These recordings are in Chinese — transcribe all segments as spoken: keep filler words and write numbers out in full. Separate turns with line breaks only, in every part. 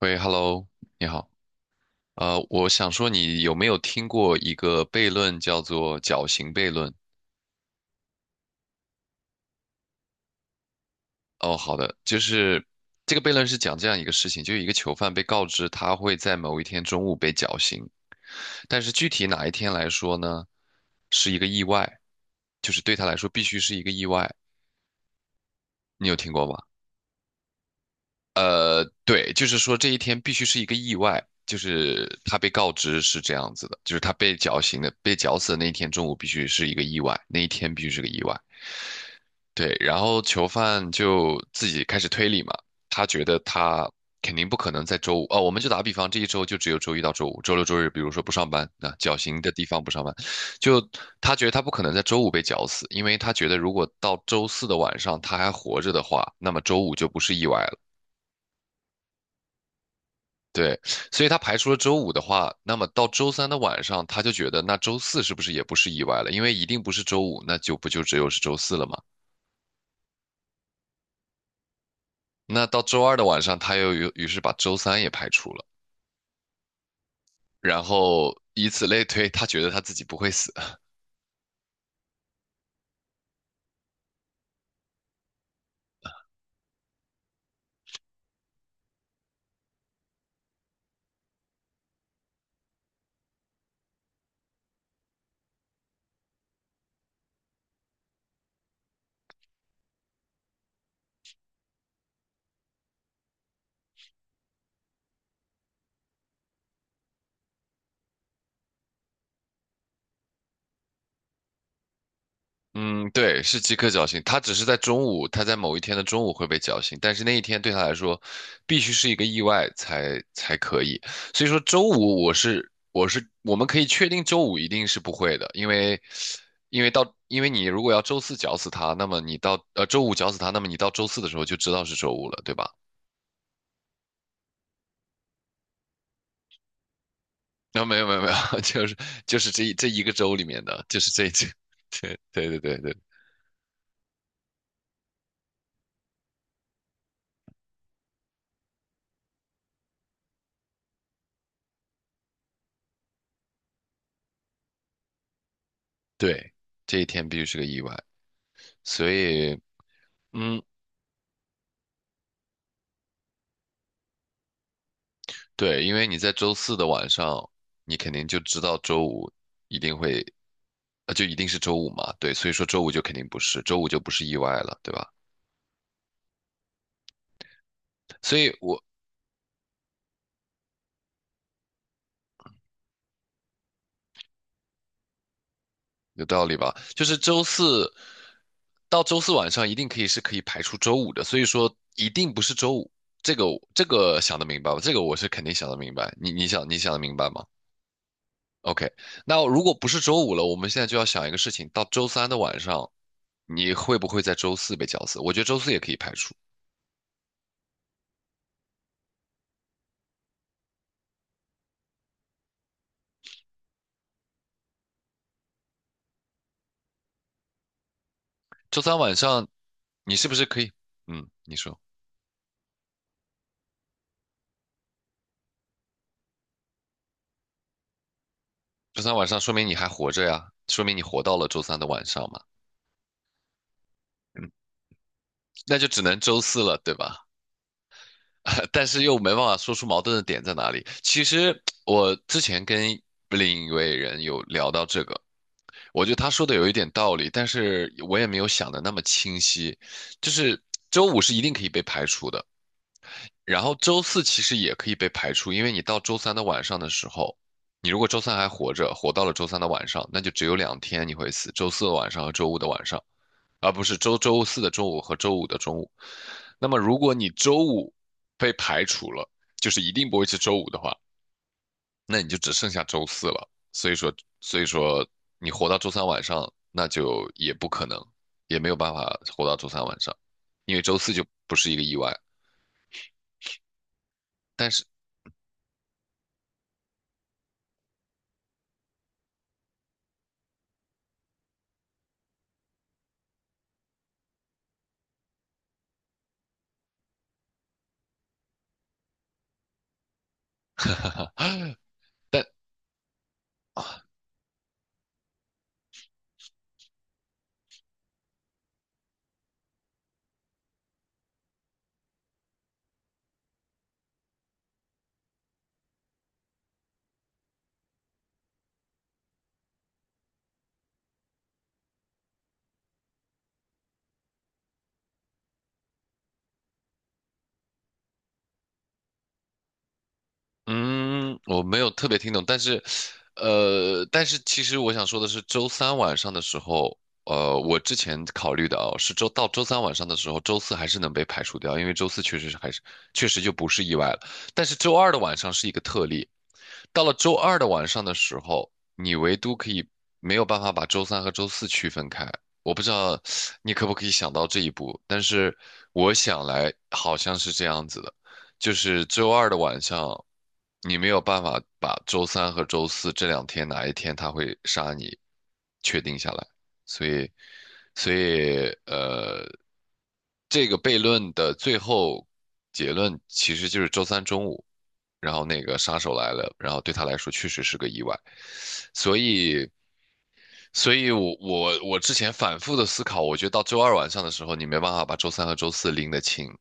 喂，Hello，你好。呃，我想说，你有没有听过一个悖论，叫做绞刑悖论？哦，好的，就是这个悖论是讲这样一个事情，就是一个囚犯被告知他会在某一天中午被绞刑，但是具体哪一天来说呢，是一个意外，就是对他来说必须是一个意外。你有听过吗？对，就是说这一天必须是一个意外，就是他被告知是这样子的，就是他被绞刑的，被绞死的那一天中午必须是一个意外，那一天必须是个意外。对，然后囚犯就自己开始推理嘛，他觉得他肯定不可能在周五。哦，我们就打比方，这一周就只有周一到周五，周六周日比如说不上班，那绞刑的地方不上班，就他觉得他不可能在周五被绞死，因为他觉得如果到周四的晚上他还活着的话，那么周五就不是意外了。对，所以他排除了周五的话，那么到周三的晚上，他就觉得那周四是不是也不是意外了？因为一定不是周五，那就不就只有是周四了吗？那到周二的晚上，他又于于是把周三也排除了，然后以此类推，他觉得他自己不会死。嗯，对，是即刻绞刑。他只是在中午，他在某一天的中午会被绞刑，但是那一天对他来说，必须是一个意外才才可以。所以说周五我是我是我们可以确定周五一定是不会的，因为因为到因为你如果要周四绞死他，那么你到呃周五绞死他，那么你到周四的时候就知道是周五了，对吧？啊、没有没有没有，就是就是这一这一个周里面的，就是这这 对对对对对对，这一天必须是个意外，所以。嗯，对，因为你在周四的晚上，你肯定就知道周五一定会，呃，就一定是周五嘛。对，所以说周五就肯定不是，周五就不是意外了，对吧？所以我有道理吧？就是周四到周四晚上一定可以是可以排除周五的，所以说一定不是周五，这个这个想得明白吧？这个我是肯定想得明白，你你想你想得明白吗？OK，那如果不是周五了，我们现在就要想一个事情，到周三的晚上，你会不会在周四被绞死？我觉得周四也可以排除。周三晚上你是不是可以？嗯，你说周三晚上说明你还活着呀，说明你活到了周三的晚上嘛。嗯，那就只能周四了，对吧？但是又没办法说出矛盾的点在哪里。其实我之前跟另一位人有聊到这个，我觉得他说的有一点道理，但是我也没有想的那么清晰。就是周五是一定可以被排除的，然后周四其实也可以被排除，因为你到周三的晚上的时候，你如果周三还活着，活到了周三的晚上，那就只有两天你会死，周四的晚上和周五的晚上，而不是周周四的中午和周五的中午。那么如果你周五被排除了，就是一定不会是周五的话，那你就只剩下周四了。所以说，所以说你活到周三晚上，那就也不可能，也没有办法活到周三晚上，因为周四就不是一个意外。但是，但。嗯，我没有特别听懂，但是，呃，但是其实我想说的是，周三晚上的时候，呃，我之前考虑的哦，是周到周三晚上的时候，周四还是能被排除掉，因为周四确实是还是确实就不是意外了，但是周二的晚上是一个特例，到了周二的晚上的时候，你唯独可以没有办法把周三和周四区分开，我不知道你可不可以想到这一步，但是我想来好像是这样子的。就是周二的晚上，你没有办法把周三和周四这两天哪一天他会杀你确定下来，所以，所以呃，这个悖论的最后结论其实就是周三中午，然后那个杀手来了，然后对他来说确实是个意外，所以，所以我我我之前反复的思考，我觉得到周二晚上的时候，你没办法把周三和周四拎得清，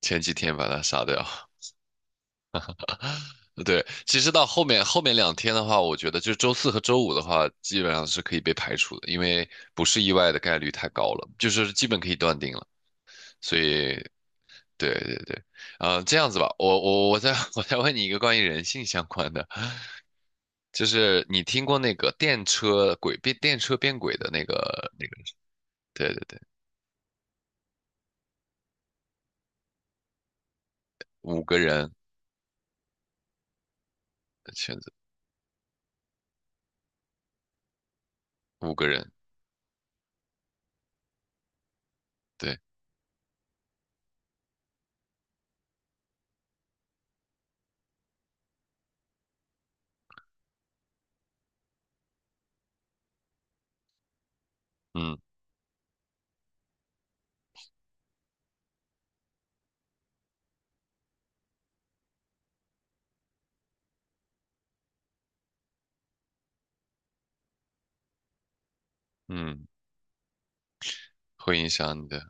前几天把他杀掉。对，其实到后面后面两天的话，我觉得就周四和周五的话，基本上是可以被排除的，因为不是意外的概率太高了，就是基本可以断定了。所以，对对对，呃，这样子吧，我我我再 我再问你一个关于人性相关的，就是你听过那个电车轨变电车变轨的那个那个，对对对，五个人选择五个人，对。嗯嗯，会影响你的。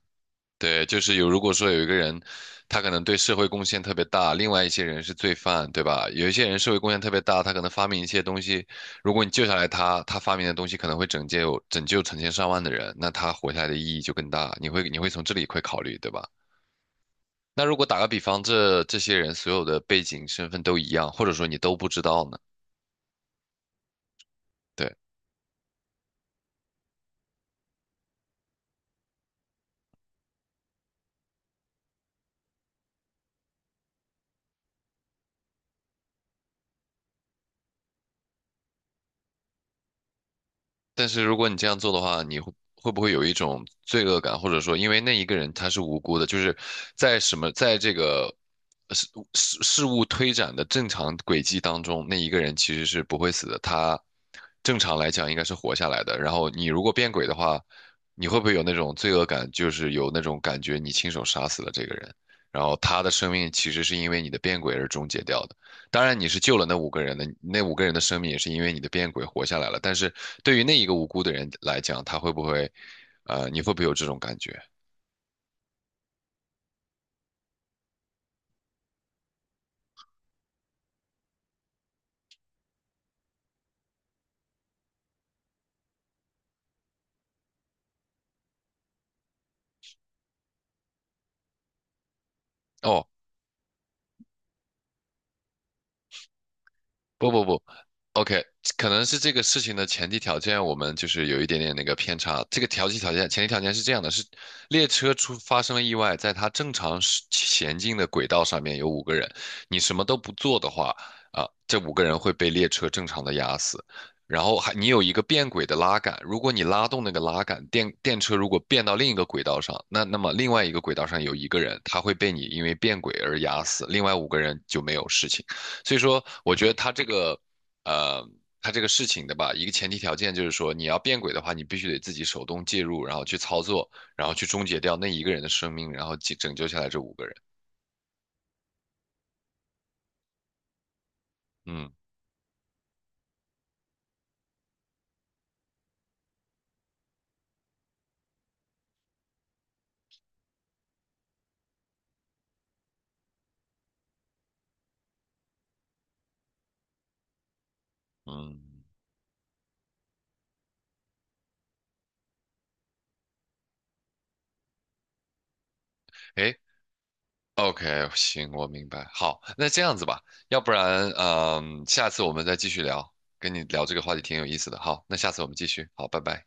对，就是有，如果说有一个人，他可能对社会贡献特别大，另外一些人是罪犯，对吧？有一些人社会贡献特别大，他可能发明一些东西，如果你救下来他，他发明的东西可能会拯救拯救成千上万的人，那他活下来的意义就更大。你会你会从这里会考虑，对吧？那如果打个比方，这这些人所有的背景身份都一样，或者说你都不知道呢？对。但是如果你这样做的话，你会会不会有一种罪恶感，或者说因为那一个人他是无辜的，就是在什么在这个事事事物推展的正常轨迹当中，那一个人其实是不会死的，他正常来讲应该是活下来的。然后你如果变轨的话，你会不会有那种罪恶感，就是有那种感觉你亲手杀死了这个人，然后他的生命其实是因为你的变轨而终结掉的？当然你是救了那五个人的，那五个人的生命也是因为你的变鬼活下来了。但是对于那一个无辜的人来讲，他会不会，呃，你会不会有这种感觉？哦，不不不，OK,可能是这个事情的前提条件，我们就是有一点点那个偏差。这个条件条件前提条件是这样的：是列车出发生了意外，在它正常是前进的轨道上面有五个人，你什么都不做的话，啊，这五个人会被列车正常的压死。然后还你有一个变轨的拉杆，如果你拉动那个拉杆，电电车如果变到另一个轨道上，那那么另外一个轨道上有一个人，他会被你因为变轨而压死，另外五个人就没有事情。所以说，我觉得他这个，呃，他这个事情的吧，一个前提条件就是说，你要变轨的话，你必须得自己手动介入，然后去操作，然后去终结掉那一个人的生命，然后解拯救下来这五个人。嗯嗯，诶 o k 行，我明白。好，那这样子吧，要不然，嗯、下次我们再继续聊，跟你聊这个话题挺有意思的。好，那下次我们继续。好，拜拜。